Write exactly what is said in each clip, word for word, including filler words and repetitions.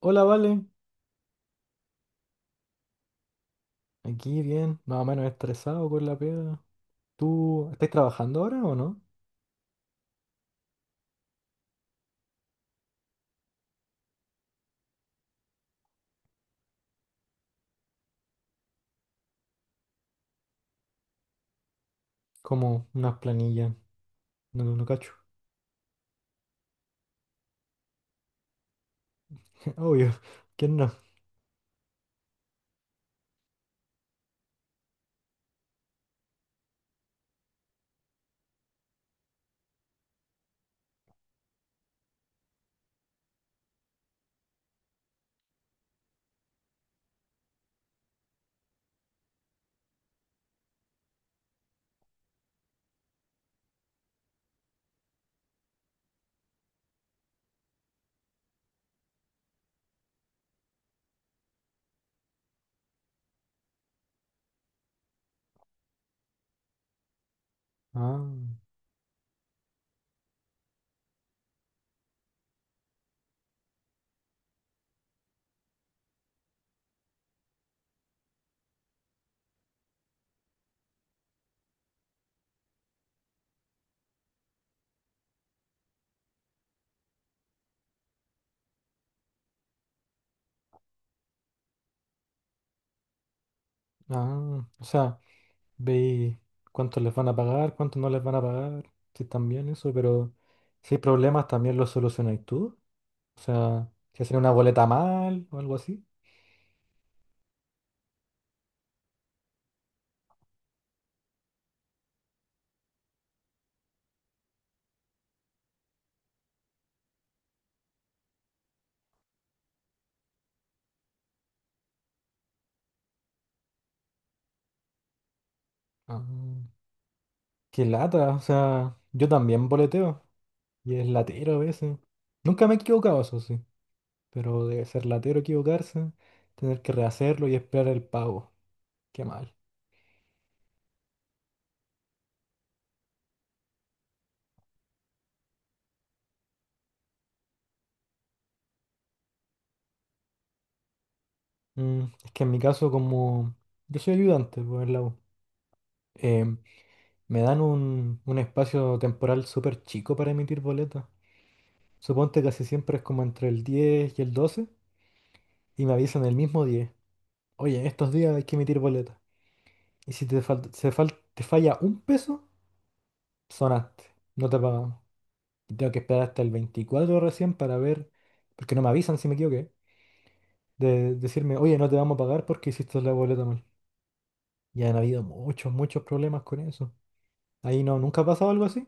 Hola, Vale. Aquí bien, más o menos estresado con la pega. ¿Tú estás trabajando ahora o no? Como unas planillas. No, no, no cacho. Obvio. ¿Quién no? Ah, ah. O sea, veis cuánto les van a pagar, cuánto no les van a pagar. Sí, también eso, pero si hay problemas también los solucionáis tú. O sea, si hacen una boleta mal o algo así. Ah, qué lata. O sea, yo también boleteo y es latero a veces. Nunca me he equivocado, eso sí. pero debe ser latero equivocarse, tener que rehacerlo y esperar el pago. Qué mal. Mm, es que en mi caso, como yo soy ayudante por el lado, me dan un, un espacio temporal súper chico para emitir boletas. Suponte que casi siempre es como entre el diez y el doce y me avisan el mismo diez. Oye, estos días hay que emitir boletas. Y si te, falta, se fal- te falla un peso, sonaste, no te pagamos. Y tengo que esperar hasta el veinticuatro recién para ver, porque no me avisan si me equivoqué de decirme, oye, no te vamos a pagar porque hiciste la boleta mal. Y han habido muchos, muchos problemas con eso. Ahí no, ¿nunca ha pasado algo así?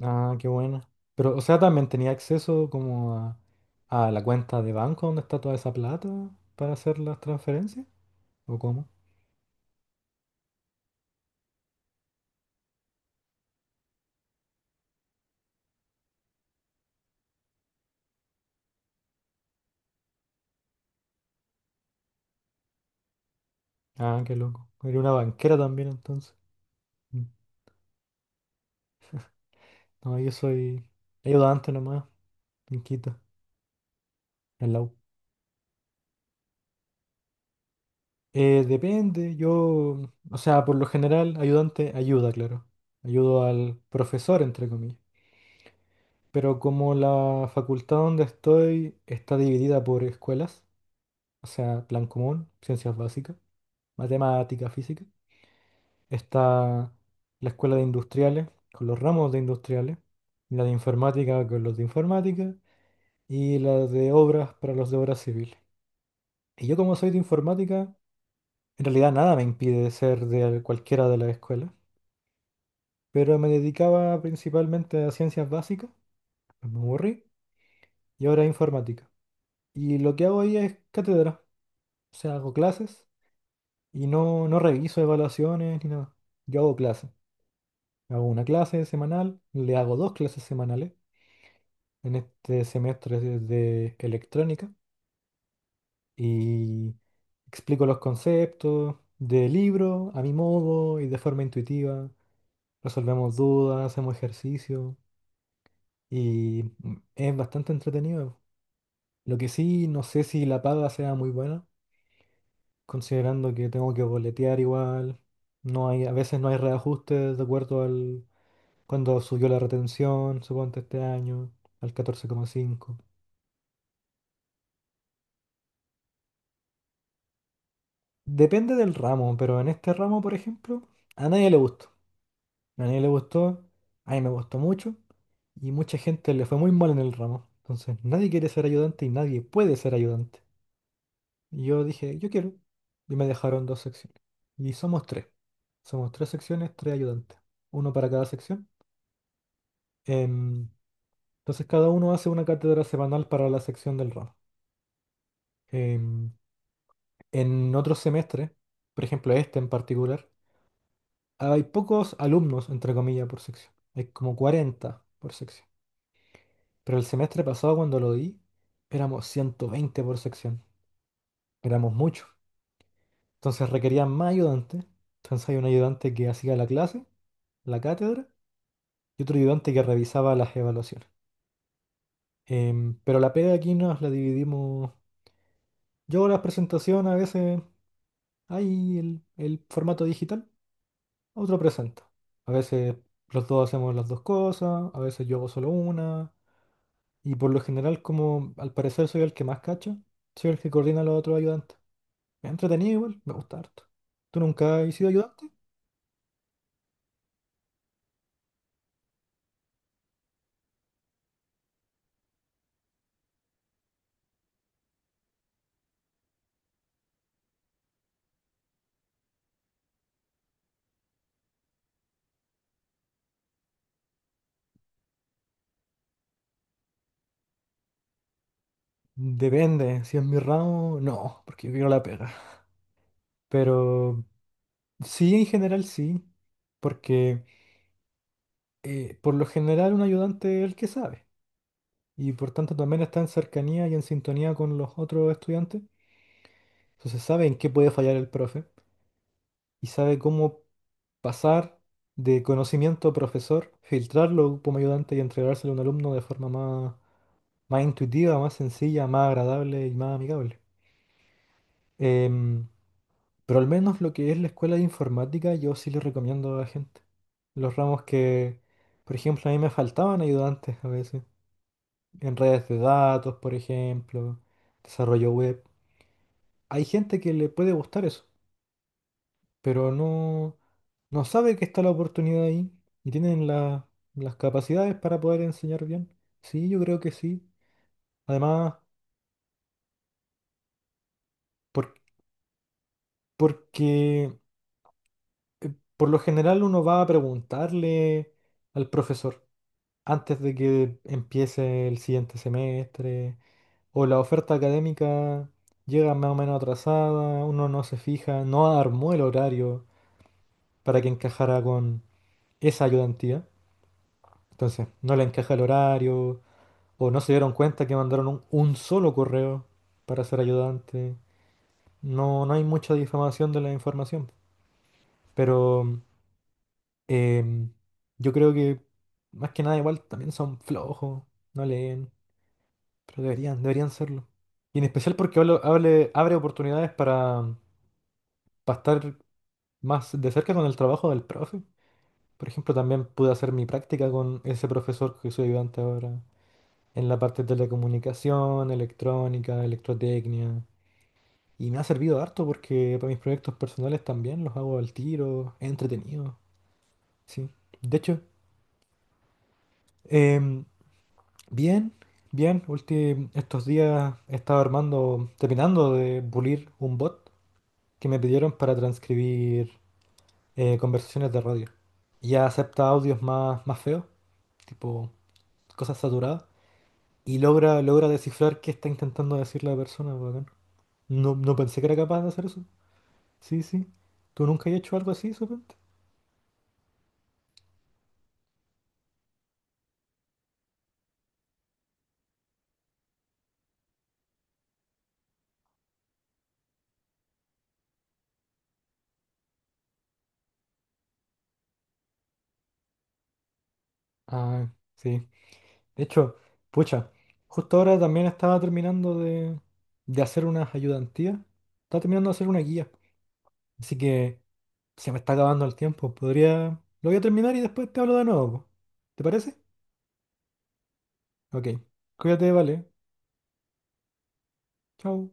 Ah, qué buena. Pero, o sea, también tenía acceso como a, a la cuenta de banco donde está toda esa plata para hacer las transferencias. ¿O cómo? Ah, qué loco. Era una banquera también entonces. Mm. No, yo soy ayudante nomás, en Quito, en la U. Eh, depende, yo, o sea, por lo general, ayudante ayuda, claro. Ayudo al profesor, entre comillas. Pero como la facultad donde estoy está dividida por escuelas, o sea, plan común, ciencias básicas, matemática, física, está la escuela de industriales con los ramos de industriales, la de informática con los de informática y la de obras para los de obras civiles. Y yo como soy de informática, en realidad nada me impide ser de cualquiera de las escuelas, pero me dedicaba principalmente a ciencias básicas, me aburrí, y ahora a informática. Y lo que hago ahí es cátedra. O sea, hago clases y no, no reviso evaluaciones ni nada. Yo hago clases. Hago una clase semanal, le hago dos clases semanales en este semestre de de electrónica y explico los conceptos de libro a mi modo y de forma intuitiva. Resolvemos dudas, hacemos ejercicio y mm, es bastante entretenido. Lo que sí, no sé si la paga sea muy buena considerando que tengo que boletear igual, no hay, a veces no hay reajustes de acuerdo al cuando subió la retención, suponte este año, al catorce coma cinco. Depende del ramo, pero en este ramo, por ejemplo, a nadie le gustó. A nadie le gustó, a mí me gustó mucho y mucha gente le fue muy mal en el ramo. Entonces, nadie quiere ser ayudante y nadie puede ser ayudante. Y yo dije, yo quiero. Y me dejaron dos secciones. Y somos tres. Somos tres secciones, tres ayudantes. Uno para cada sección. Em, entonces cada uno hace una cátedra semanal para la sección del ramo. Em, en otros semestres, por ejemplo este en particular, hay pocos alumnos, entre comillas, por sección. Hay como cuarenta por sección. Pero el semestre pasado cuando lo di, éramos ciento veinte por sección. Éramos muchos. Entonces requerían más ayudantes. Entonces hay un ayudante que hacía la clase, la cátedra, y otro ayudante que revisaba las evaluaciones. Em, pero la pega aquí nos la dividimos. Yo hago las presentaciones a veces. Ahí el, el formato digital, otro presenta. A veces los dos hacemos las dos cosas, a veces yo hago solo una, y por lo general, como al parecer soy el que más cacha, soy el que coordina a los otros ayudantes. Me ha entretenido igual, me gusta harto. ¿Tú nunca has sido ayudante? Depende, si es mi ramo, no, porque yo quiero la pega. Pero sí, en general sí, porque eh, por lo general un ayudante es el que sabe, y por tanto también está en cercanía y en sintonía con los otros estudiantes. Entonces sabe en qué puede fallar el profe y sabe cómo pasar de conocimiento a profesor, filtrarlo como ayudante y entregárselo a un alumno de forma más, más intuitiva, más sencilla, más agradable y más amigable. Em, pero al menos lo que es la escuela de informática, yo sí le recomiendo a la gente. Los ramos que, por ejemplo, a mí me faltaban ayudantes a veces. En redes de datos, por ejemplo, desarrollo web. Hay gente que le puede gustar eso. Pero no, no sabe que está la oportunidad ahí y tienen la- las capacidades para poder enseñar bien. Sí, yo creo que sí. Además, por- porque por lo general uno va a preguntarle al profesor antes de que empiece el siguiente semestre o la oferta académica llega más o menos atrasada, uno no se fija, no armó el horario para que encajara con esa ayudantía. Entonces, no le encaja el horario, O no se dieron cuenta que mandaron un, un solo correo para ser ayudante. No, no hay mucha difamación de la información. Pero em, yo creo que más que nada igual también son flojos, no leen, pero deberían, deberían serlo. Y en especial porque hablo- hable- abre oportunidades para, para, estar más de cerca con el trabajo del profe. Por ejemplo, también pude hacer mi práctica con ese profesor que soy ayudante ahora en la parte de telecomunicación, electrónica, electrotecnia. Y me ha servido harto porque para mis proyectos personales también los hago al tiro, es entretenido. Sí. De hecho, em, bien, bien, ulti- estos días he estado armando, terminando de pulir un bot que me pidieron para transcribir eh, conversaciones de radio. Ya acepta audios más, más feos, tipo cosas saturadas, y logra, logra descifrar qué está intentando decir la persona, bacán. No, no pensé que era capaz de hacer eso. Sí, sí. ¿Tú nunca has hecho algo así, supongo? Ah, sí. De hecho, pucha, justo ahora también estaba terminando de, de hacer unas ayudantías. Estaba terminando de hacer una guía. Así que se me está acabando el tiempo. Podría... Lo voy a terminar y después te hablo de nuevo. Po. ¿Te parece? Ok. Cuídate, vale. Chao.